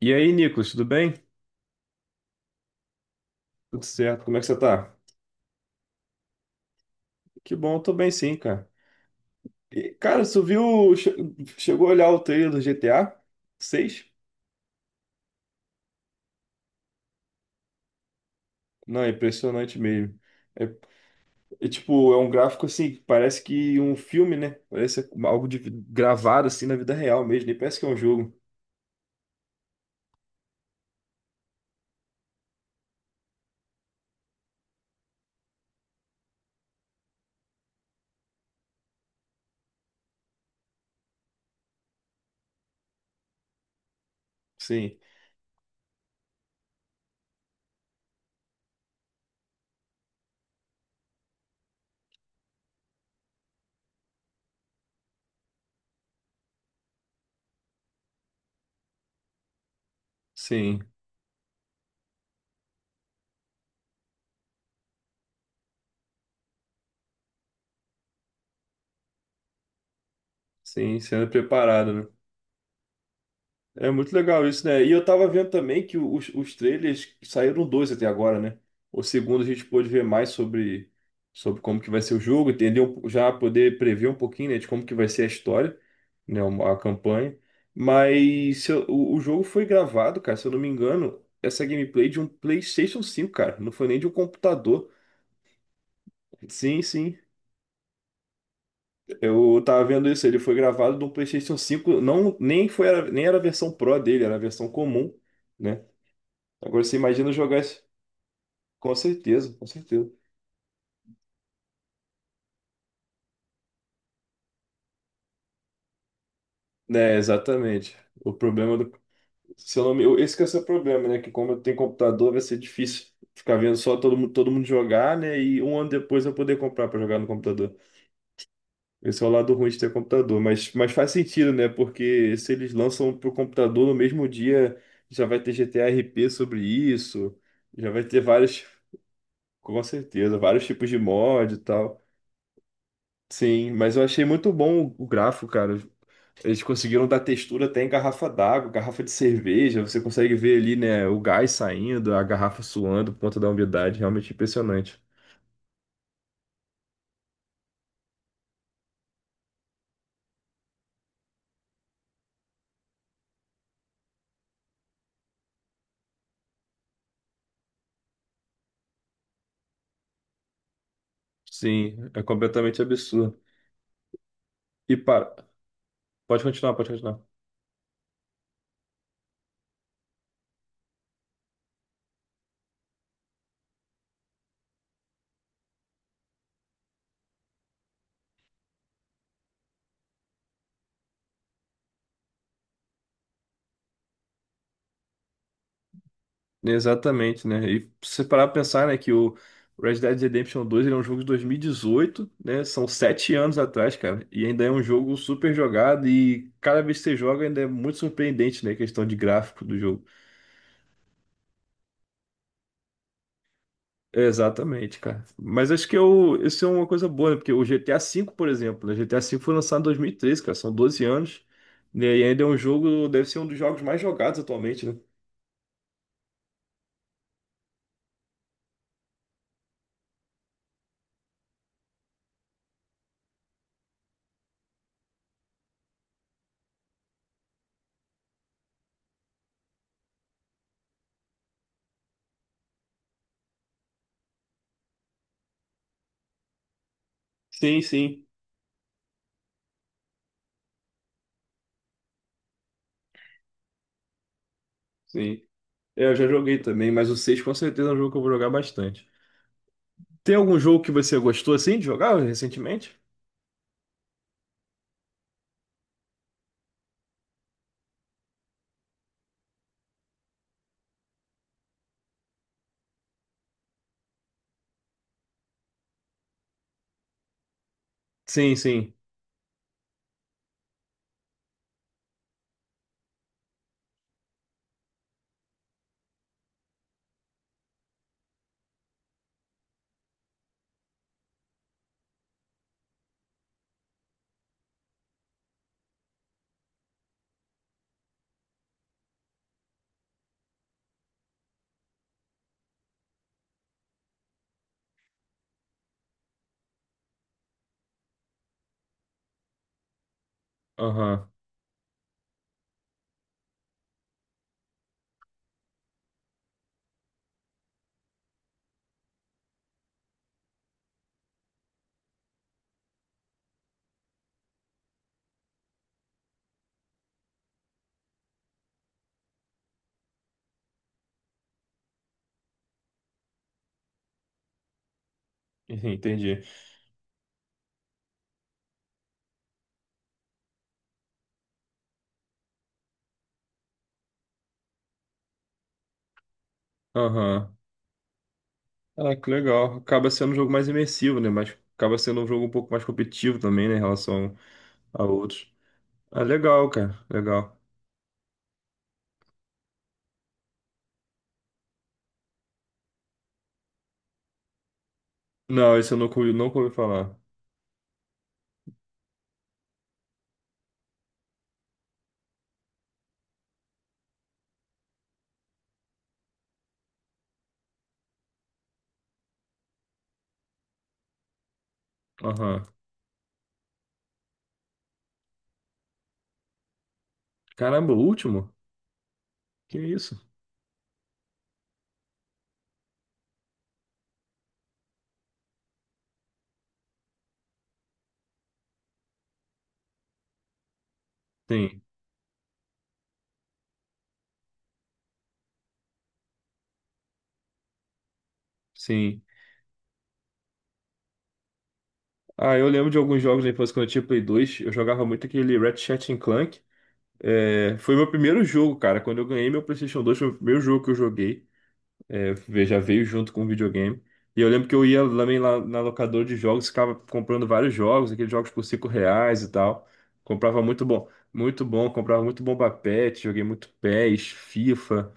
E aí, Nicolas, tudo bem? Tudo certo, como é que você tá? Que bom, eu tô bem sim, cara. E, cara, você viu, chegou a olhar o trailer do GTA 6? Não, é impressionante mesmo. É, é tipo, é um gráfico assim, que parece que um filme, né? Parece algo gravado assim na vida real mesmo, nem parece que é um jogo. Sim, sim, sim, sendo preparado, né? É muito legal isso, né? E eu tava vendo também que os trailers saíram dois até agora, né? O segundo a gente pôde ver mais sobre como que vai ser o jogo, entender já poder prever um pouquinho, né, de como que vai ser a história, né, a campanha. Mas se eu- o jogo foi gravado, cara, se eu não me engano, essa gameplay de um PlayStation 5, cara, não foi nem de um computador. Sim, sim. Eu tava vendo isso, ele foi gravado de um PlayStation 5. Não nem foi nem era a versão Pro dele, era a versão comum, né? Agora você imagina jogar isso. Com certeza, com certeza. É, exatamente. O problema do. Se eu não me... Esse que é o seu problema, né? Que como eu tenho computador, vai ser difícil ficar vendo só todo mundo jogar, né? E um ano depois eu poder comprar para jogar no computador. Esse é o lado ruim de ter computador. Mas faz sentido, né? Porque se eles lançam pro computador no mesmo dia, já vai ter GTA RP sobre isso. Já vai ter vários, com certeza, vários tipos de mod e tal. Sim, mas eu achei muito bom o gráfico, cara. Eles conseguiram dar textura até em garrafa d'água, garrafa de cerveja. Você consegue ver ali, né, o gás saindo, a garrafa suando por conta da umidade. Realmente impressionante. Sim, é completamente absurdo. E para. Pode continuar, pode continuar. Exatamente, né? E se parar pra pensar, né, que o Red Dead Redemption 2 ele é um jogo de 2018, né? São 7 anos atrás, cara. E ainda é um jogo super jogado e cada vez que você joga ainda é muito surpreendente, né? A questão de gráfico do jogo. Exatamente, cara. Mas acho que eu, isso é uma coisa boa, né? Porque o GTA V, por exemplo, né? GTA V foi lançado em 2013, cara, são 12 anos, né? E ainda é um jogo, deve ser um dos jogos mais jogados atualmente, né? Sim, sim, sim. É, eu já joguei também, mas o 6 com certeza é um jogo que eu vou jogar bastante. Tem algum jogo que você gostou assim de jogar recentemente? Sim, sim. Aham. Uhum. Entendi. Aham. Ah, que legal. Acaba sendo um jogo mais imersivo, né? Mas acaba sendo um jogo um pouco mais competitivo também, né? Em relação a outros. Ah, legal, cara. Legal. Não, esse eu nunca ouvi falar. Aham. Caramba, o último? Que isso? Sim, sim. Ah, eu lembro de alguns jogos da infância quando eu tinha Play 2. Eu jogava muito aquele Ratchet and Clank. É, foi meu primeiro jogo, cara. Quando eu ganhei meu PlayStation 2, foi o primeiro jogo que eu joguei. É, já veio junto com o videogame. E eu lembro que eu ia também lá na locadora de jogos, ficava comprando vários jogos, aqueles jogos por R$ 5 e tal. Comprava muito bom, comprava muito Bomba Pet, joguei muito PES, FIFA.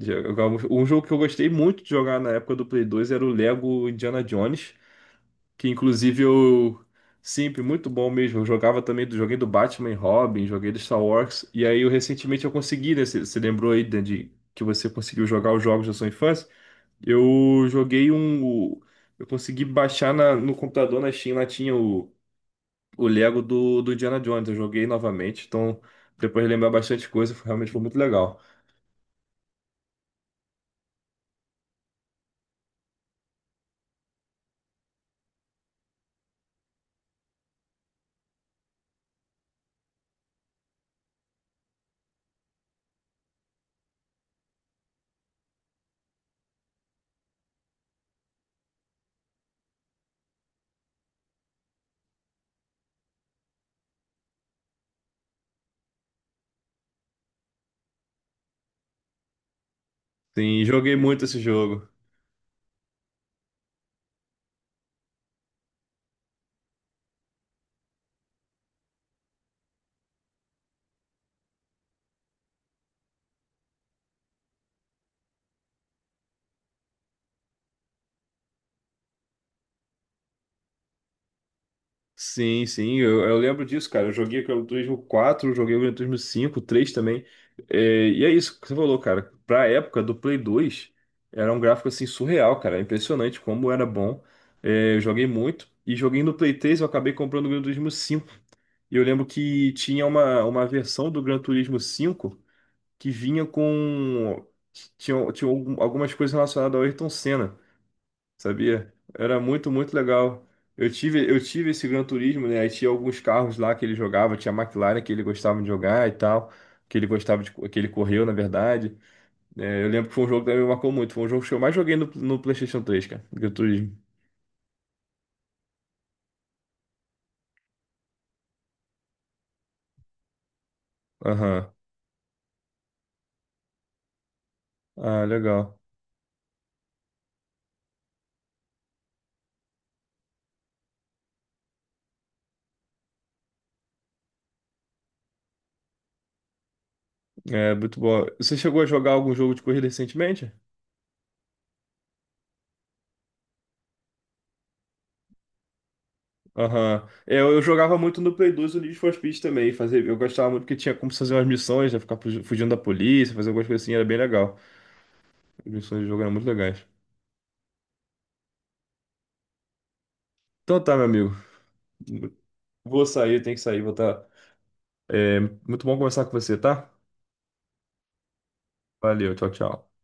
Jogava... Um jogo que eu gostei muito de jogar na época do Play 2 era o Lego Indiana Jones, que inclusive eu sempre muito bom mesmo. Eu jogava também do joguei do Batman e Robin, joguei do Star Wars, e aí eu recentemente eu consegui, né? Você lembrou aí, Dan, de que você conseguiu jogar os jogos da sua infância? Eu joguei um. Eu consegui baixar no computador na Steam, lá tinha o Lego do Indiana Jones. Eu joguei novamente, então depois de lembrar bastante coisa, realmente foi muito legal. Sim, joguei muito esse jogo. Sim, sim, eu lembro disso, cara. Eu joguei o Gran Turismo 4 joguei o Gran Turismo 5 3 também. É, e é isso que você falou, cara. Pra época do Play 2, era um gráfico assim surreal, cara. Impressionante como era bom. É, eu joguei muito. E joguei no Play 3, eu acabei comprando o Gran Turismo 5. E eu lembro que tinha uma versão do Gran Turismo 5 que vinha com. Tinha algumas coisas relacionadas ao Ayrton Senna, sabia? Era muito, muito legal. Eu tive esse Gran Turismo, né? Aí tinha alguns carros lá que ele jogava, tinha a McLaren que ele gostava de jogar e tal, que ele gostava que ele correu, na verdade. É, eu lembro que foi um jogo que também me marcou muito. Foi um jogo que eu mais joguei no PlayStation 3, cara. Gran Turismo. Aham. Ah, legal. É, muito bom. Você chegou a jogar algum jogo de corrida recentemente? Aham. É, eu jogava muito no Play 2 o Need for Speed também. Fazer, eu gostava muito porque tinha como fazer umas missões, né? Ficar fugindo da polícia, fazer algumas coisas assim, era bem legal. As missões do jogo eram muito legais. Então tá, meu amigo. Vou sair, tenho que sair, vou tá. É, muito bom conversar com você, tá? Valeu, tchau, tchau.